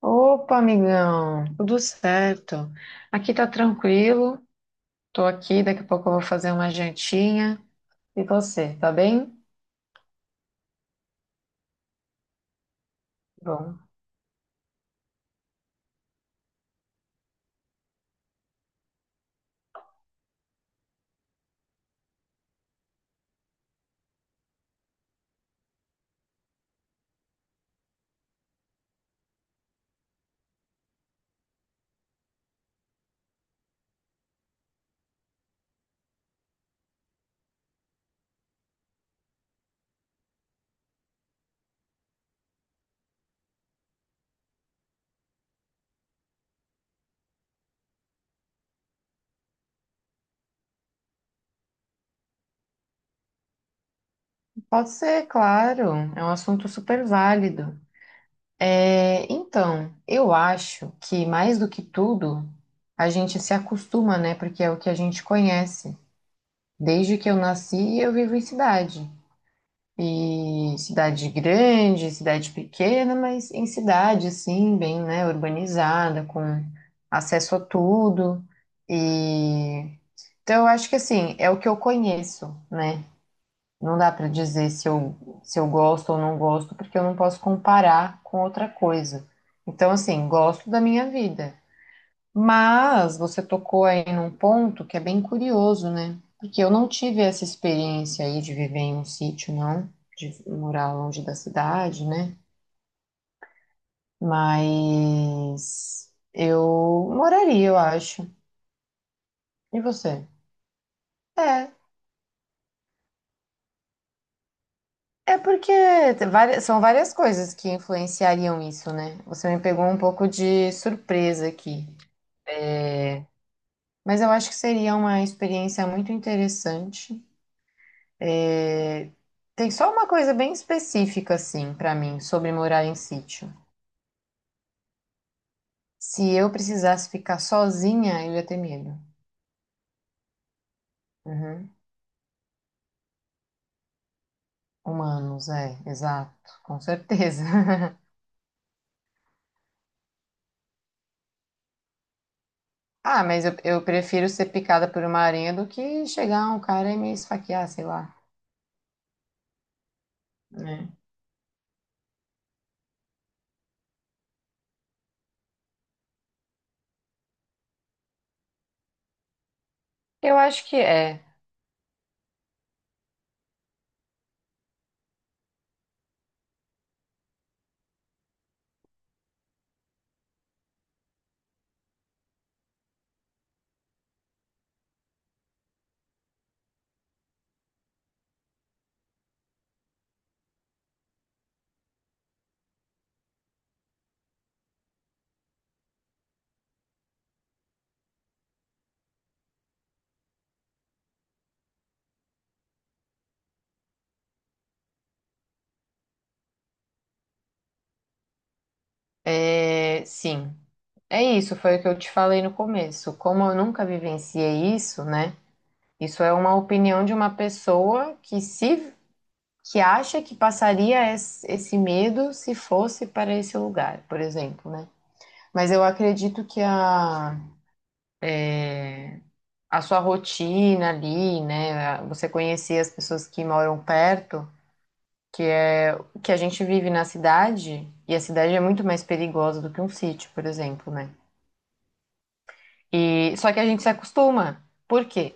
Opa, amigão, tudo certo? Aqui tá tranquilo, tô aqui, daqui a pouco eu vou fazer uma jantinha. E você, tá bem? Bom, pode ser, claro, é um assunto super válido. É, então, eu acho que mais do que tudo, a gente se acostuma, né? Porque é o que a gente conhece. Desde que eu nasci, eu vivo em cidade. E cidade grande, cidade pequena, mas em cidade, assim, bem, né, urbanizada, com acesso a tudo. E então eu acho que assim, é o que eu conheço, né? Não dá para dizer se eu gosto ou não gosto, porque eu não posso comparar com outra coisa. Então, assim, gosto da minha vida. Mas você tocou aí num ponto que é bem curioso, né? Porque eu não tive essa experiência aí de viver em um sítio, não, de morar longe da cidade, né? Mas eu moraria, eu acho. E você? É, é porque são várias coisas que influenciariam isso, né? Você me pegou um pouco de surpresa aqui. Mas eu acho que seria uma experiência muito interessante. Tem só uma coisa bem específica, assim, pra mim, sobre morar em sítio. Se eu precisasse ficar sozinha, eu ia ter medo. Uhum. Humanos, é, exato, com certeza. Ah, mas eu prefiro ser picada por uma aranha do que chegar um cara e me esfaquear, sei lá. Né? Eu acho que é. É, sim. É isso, foi o que eu te falei no começo. Como eu nunca vivenciei isso, né? Isso é uma opinião de uma pessoa que se que acha que passaria esse medo se fosse para esse lugar, por exemplo, né? Mas eu acredito que a sua rotina ali, né? Você conhecer as pessoas que moram perto, que, que a gente vive na cidade, e a cidade é muito mais perigosa do que um sítio, por exemplo, né? E, só que a gente se acostuma. Por quê?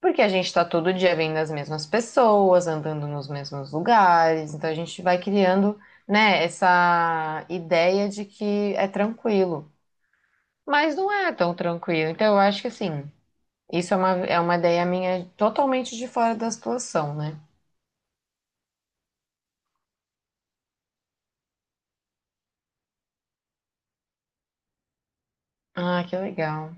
Porque a gente está todo dia vendo as mesmas pessoas, andando nos mesmos lugares, então a gente vai criando, né, essa ideia de que é tranquilo. Mas não é tão tranquilo. Então eu acho que assim, isso é uma ideia minha totalmente de fora da situação, né? Ah, que legal.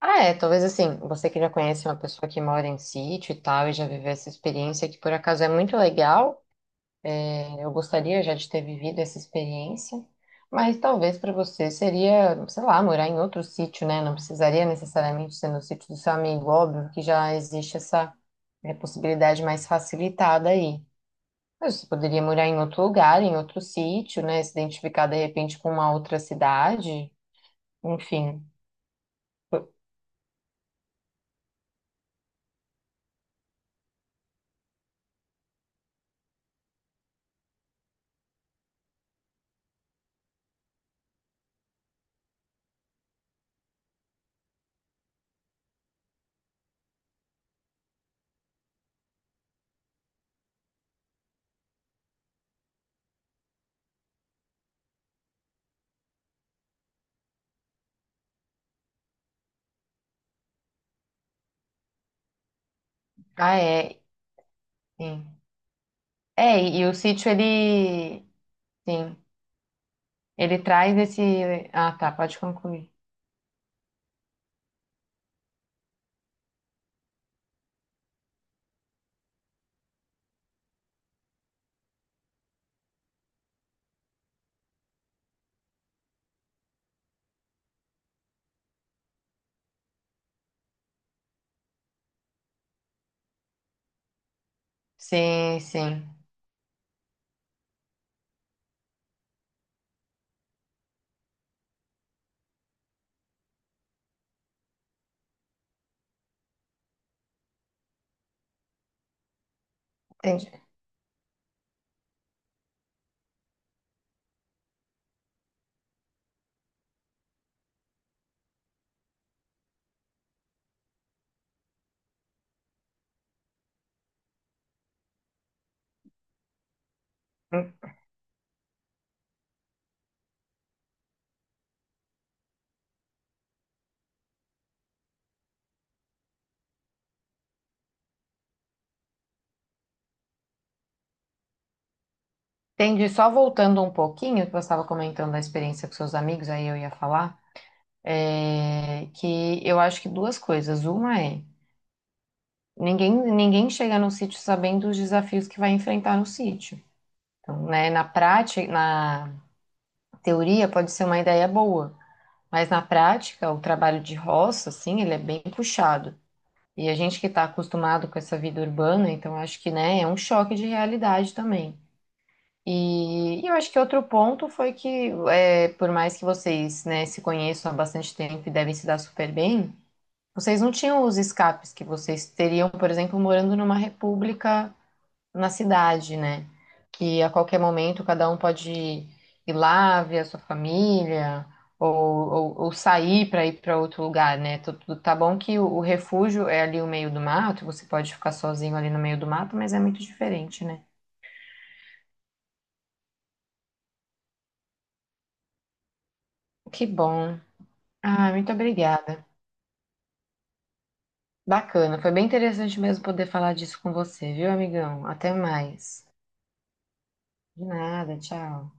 Ah, é, talvez assim, você que já conhece uma pessoa que mora em sítio e tal, e já viveu essa experiência que por acaso é muito legal. Eu gostaria já de ter vivido essa experiência, mas talvez para você seria, sei lá, morar em outro sítio, né? Não precisaria necessariamente ser no sítio do seu amigo, óbvio que já existe essa possibilidade mais facilitada aí. Mas você poderia morar em outro lugar, em outro sítio, né? Se identificar de repente com uma outra cidade, enfim. Ah, é, sim. É, e o sítio ele, sim, ele traz esse. Ah, tá, pode concluir. Sim, sim. Entendi. Entendi. Só voltando um pouquinho, que você estava comentando da experiência com seus amigos, aí eu ia falar, é, que eu acho que duas coisas. Uma é, ninguém chega no sítio sabendo os desafios que vai enfrentar no sítio. Então, né, na prática, na teoria pode ser uma ideia boa, mas na prática, o trabalho de roça, assim, ele é bem puxado. E a gente que está acostumado com essa vida urbana, então acho que, né, é um choque de realidade também. E eu acho que outro ponto foi que, é, por mais que vocês, né, se conheçam há bastante tempo e devem se dar super bem, vocês não tinham os escapes que vocês teriam, por exemplo, morando numa república na cidade, né? Que a qualquer momento cada um pode ir lá ver a sua família ou sair para ir para outro lugar, né? Tudo tá bom que o refúgio é ali no meio do mato, você pode ficar sozinho ali no meio do mato, mas é muito diferente, né? Que bom. Ah, muito obrigada. Bacana, foi bem interessante mesmo poder falar disso com você, viu, amigão? Até mais. De nada, tchau.